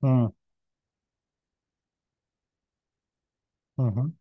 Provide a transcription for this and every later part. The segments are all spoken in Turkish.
Hı, hı hı.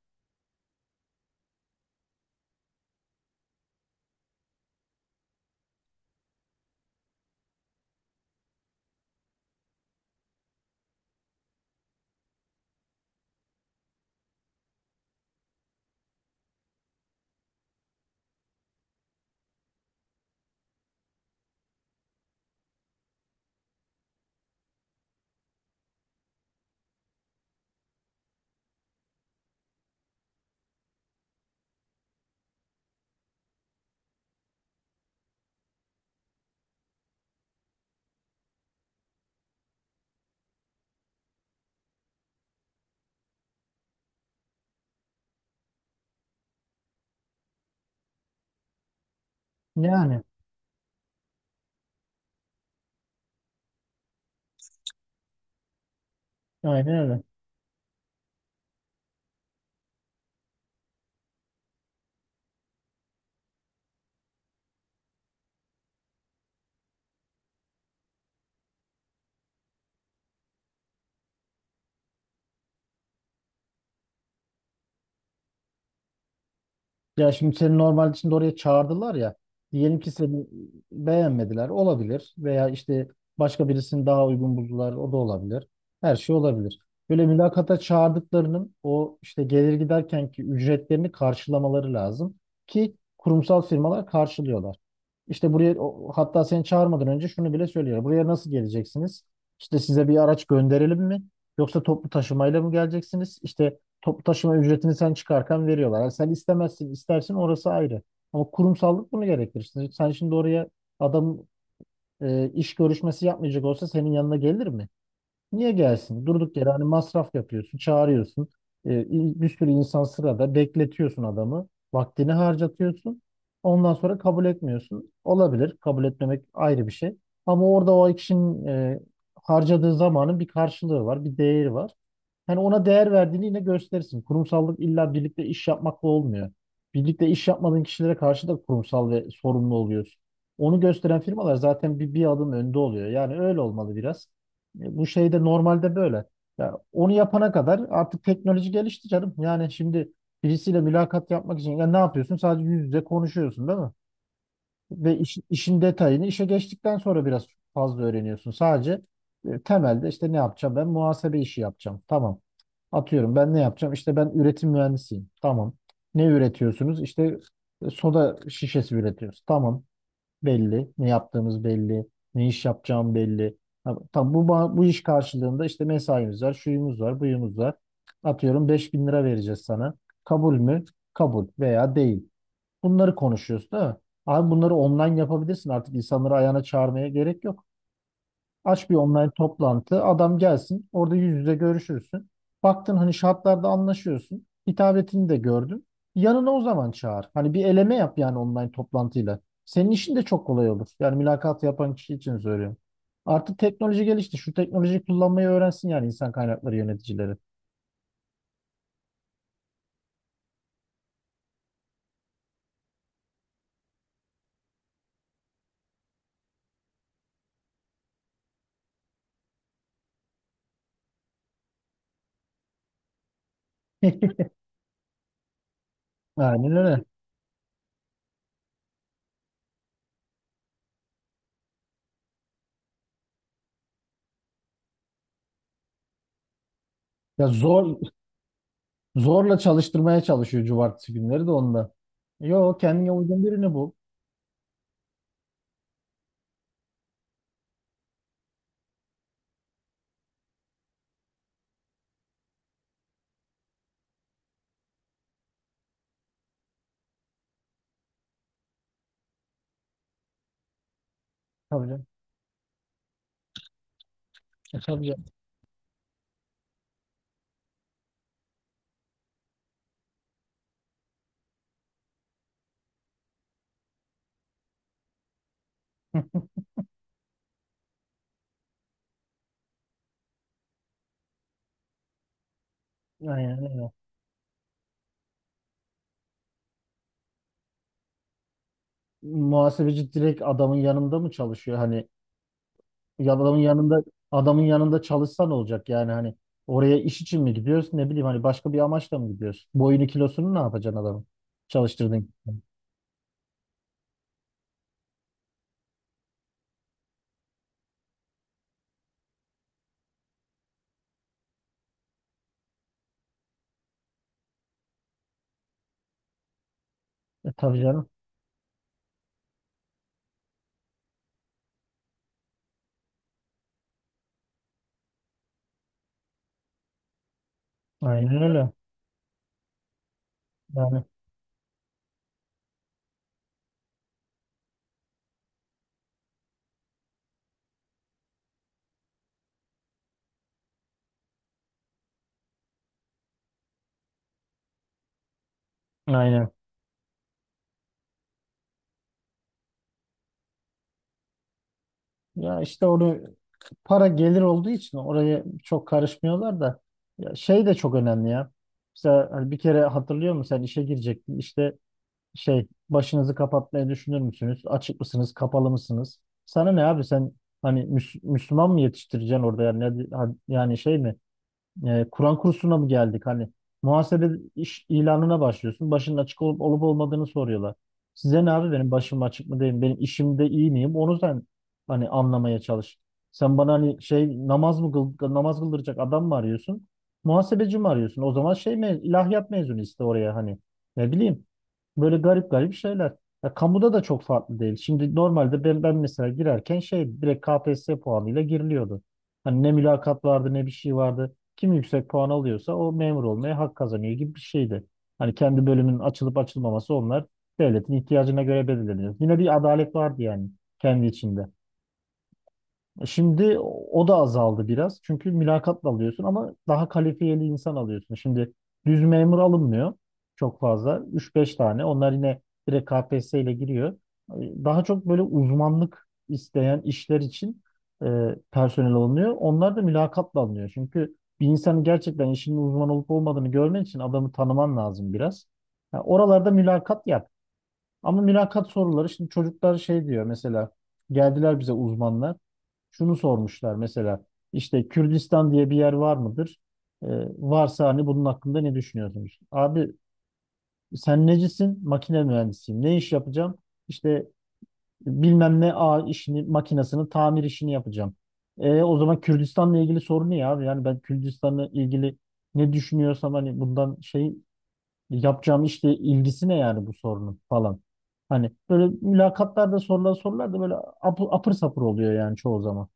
Yani aynen öyle. Ya şimdi seni normalde şimdi oraya çağırdılar ya. Diyelim ki seni beğenmediler. Olabilir. Veya işte başka birisini daha uygun buldular. O da olabilir. Her şey olabilir. Böyle mülakata çağırdıklarının o işte gelir giderken ki ücretlerini karşılamaları lazım. Ki kurumsal firmalar karşılıyorlar. İşte buraya hatta seni çağırmadan önce şunu bile söylüyor. Buraya nasıl geleceksiniz? İşte size bir araç gönderelim mi? Yoksa toplu taşımayla mı geleceksiniz? İşte toplu taşıma ücretini sen çıkarken veriyorlar. Yani sen istemezsin, istersin orası ayrı. Ama kurumsallık bunu gerektirir. Sen şimdi oraya adam iş görüşmesi yapmayacak olsa senin yanına gelir mi? Niye gelsin? Durduk yere hani masraf yapıyorsun, çağırıyorsun. Bir sürü insan sırada bekletiyorsun adamı. Vaktini harcatıyorsun. Ondan sonra kabul etmiyorsun. Olabilir. Kabul etmemek ayrı bir şey. Ama orada o kişinin harcadığı zamanın bir karşılığı var, bir değeri var, hani ona değer verdiğini yine gösterirsin. Kurumsallık illa birlikte iş yapmakla olmuyor. Birlikte iş yapmadığın kişilere karşı da kurumsal ve sorumlu oluyorsun. Onu gösteren firmalar zaten bir adım önde oluyor. Yani öyle olmalı biraz. Bu şey de normalde böyle. Ya onu yapana kadar artık teknoloji gelişti canım. Yani şimdi birisiyle mülakat yapmak için ya ne yapıyorsun? Sadece yüz yüze konuşuyorsun, değil mi? Ve işin detayını işe geçtikten sonra biraz fazla öğreniyorsun. Sadece temelde işte ne yapacağım? Ben muhasebe işi yapacağım. Tamam. Atıyorum ben ne yapacağım? İşte ben üretim mühendisiyim. Tamam. Ne üretiyorsunuz? İşte soda şişesi üretiyoruz. Tamam. Belli. Ne yaptığımız belli. Ne iş yapacağım belli. Ha, tamam, bu iş karşılığında işte mesaimiz var, şuyumuz var, buyumuz var. Atıyorum 5000 lira vereceğiz sana. Kabul mü? Kabul veya değil. Bunları konuşuyoruz, değil mi? Abi bunları online yapabilirsin, artık insanları ayağına çağırmaya gerek yok. Aç bir online toplantı, adam gelsin, orada yüz yüze görüşürsün. Baktın hani şartlarda anlaşıyorsun. Hitabetini de gördün. Yanına o zaman çağır. Hani bir eleme yap yani online toplantıyla. Senin işin de çok kolay olur. Yani mülakat yapan kişi için söylüyorum. Artık teknoloji gelişti. Şu teknolojiyi kullanmayı öğrensin yani insan kaynakları yöneticileri. Aynen öyle. Ya zor. Zorla çalıştırmaya çalışıyor cumartesi günleri de onda. Yo, kendine uygun birini bul. Tabii canım. E, tabii canım. Aynen öyle. Muhasebeci direkt adamın yanında mı çalışıyor? Hani ya adamın yanında, adamın yanında çalışsa ne olacak? Yani hani oraya iş için mi gidiyorsun? Ne bileyim hani başka bir amaçla mı gidiyorsun? Boyunu kilosunu ne yapacaksın adamın? Çalıştırdın. E, tabii canım. Aynen öyle. Yani aynen. Ya işte onu para gelir olduğu için oraya çok karışmıyorlar da, ya şey de çok önemli ya. Mesela hani bir kere hatırlıyor musun sen işe girecektin işte şey başınızı kapatmayı düşünür müsünüz? Açık mısınız? Kapalı mısınız? Sana ne abi sen hani Müslüman mı yetiştireceksin orada yani, yani şey mi? Kur'an kursuna mı geldik? Hani muhasebe iş ilanına başlıyorsun. Başının açık olup olmadığını soruyorlar. Size ne abi benim başım açık mı değil mi? Benim işimde iyi miyim? Onu sen hani anlamaya çalış. Sen bana hani şey namaz mı kıl, namaz kıldıracak adam mı arıyorsun? Muhasebeci mi arıyorsun? O zaman şey me ilahiyat mezunu iste oraya hani. Ne bileyim. Böyle garip garip şeyler. Ya, kamuda da çok farklı değil. Şimdi normalde ben mesela girerken şey direkt KPSS puanıyla giriliyordu. Hani ne mülakat vardı ne bir şey vardı. Kim yüksek puan alıyorsa o memur olmaya hak kazanıyor gibi bir şeydi. Hani kendi bölümünün açılıp açılmaması onlar devletin ihtiyacına göre belirleniyor. Yine bir adalet vardı yani kendi içinde. Şimdi o da azaldı biraz. Çünkü mülakatla alıyorsun ama daha kalifiyeli insan alıyorsun. Şimdi düz memur alınmıyor çok fazla. Üç beş tane. Onlar yine direkt KPSS ile giriyor. Daha çok böyle uzmanlık isteyen işler için personel alınıyor. Onlar da mülakatla alınıyor. Çünkü bir insanın gerçekten işinin uzman olup olmadığını görmen için adamı tanıman lazım biraz. Ha, oralarda mülakat yap. Ama mülakat soruları şimdi çocuklar şey diyor mesela, geldiler bize uzmanlar şunu sormuşlar mesela, işte Kürdistan diye bir yer var mıdır? Ee, varsa hani bunun hakkında ne düşünüyorsunuz? Abi sen necisin? Makine mühendisiyim. Ne iş yapacağım? İşte bilmem ne ağ işini, makinesini, tamir işini yapacağım. E, o zaman Kürdistan'la ilgili sorun ne ya abi? Yani ben Kürdistan'la ilgili ne düşünüyorsam hani bundan şey yapacağım, işte ilgisi ne yani bu sorunun falan. Hani böyle mülakatlarda sorulan sorular da böyle apır sapır oluyor yani çoğu zaman.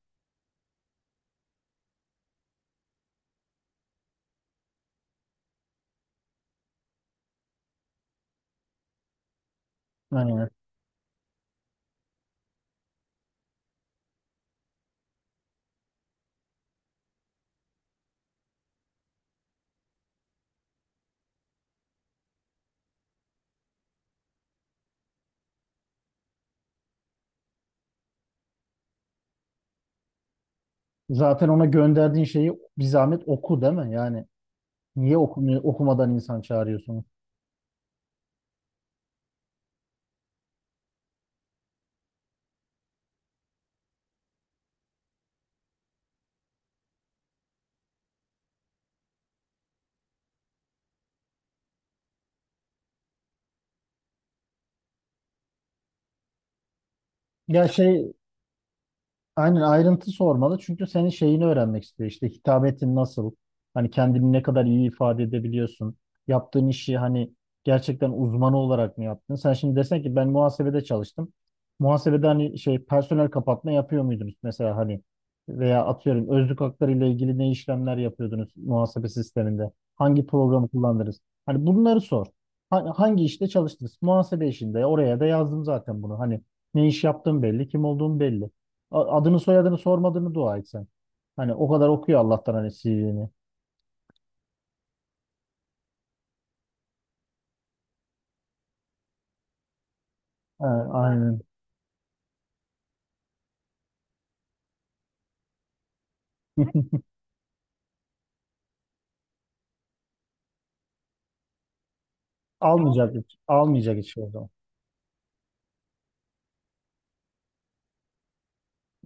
Yani zaten ona gönderdiğin şeyi bir zahmet oku, değil mi? Yani niye okumuyor, okumadan insan çağırıyorsun? Ya şey, aynen ayrıntı sormalı çünkü senin şeyini öğrenmek istiyor. İşte hitabetin nasıl? Hani kendini ne kadar iyi ifade edebiliyorsun? Yaptığın işi hani gerçekten uzmanı olarak mı yaptın? Sen şimdi desen ki ben muhasebede çalıştım. Muhasebede hani şey personel kapatma yapıyor muydunuz mesela hani, veya atıyorum özlük hakları ile ilgili ne işlemler yapıyordunuz muhasebe sisteminde? Hangi programı kullandınız? Hani bunları sor. Hangi işte çalıştınız? Muhasebe işinde, oraya da yazdım zaten bunu. Hani ne iş yaptığım belli, kim olduğum belli. Adını soyadını sormadığını dua et sen. Hani o kadar okuyor Allah'tan hani CV'ni. Ha, aynen. Almayacak hiç. Almayacak hiç o zaman.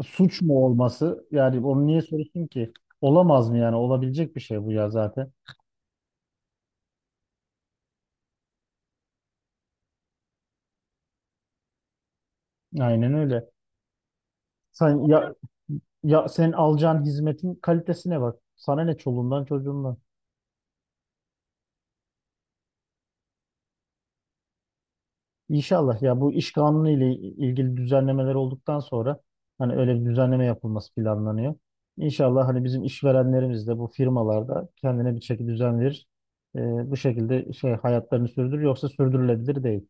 Suç mu olması? Yani onu niye soruyorsun ki? Olamaz mı yani? Olabilecek bir şey bu ya zaten. Aynen öyle. Sen ya, ya senin alacağın hizmetin kalitesine bak. Sana ne çoluğundan çocuğundan. İnşallah ya, bu iş kanunu ile ilgili düzenlemeler olduktan sonra hani öyle bir düzenleme yapılması planlanıyor. İnşallah hani bizim işverenlerimiz de bu firmalarda kendine bir şekilde düzen verir. Ee, bu şekilde şey hayatlarını sürdürür yoksa sürdürülebilir değil.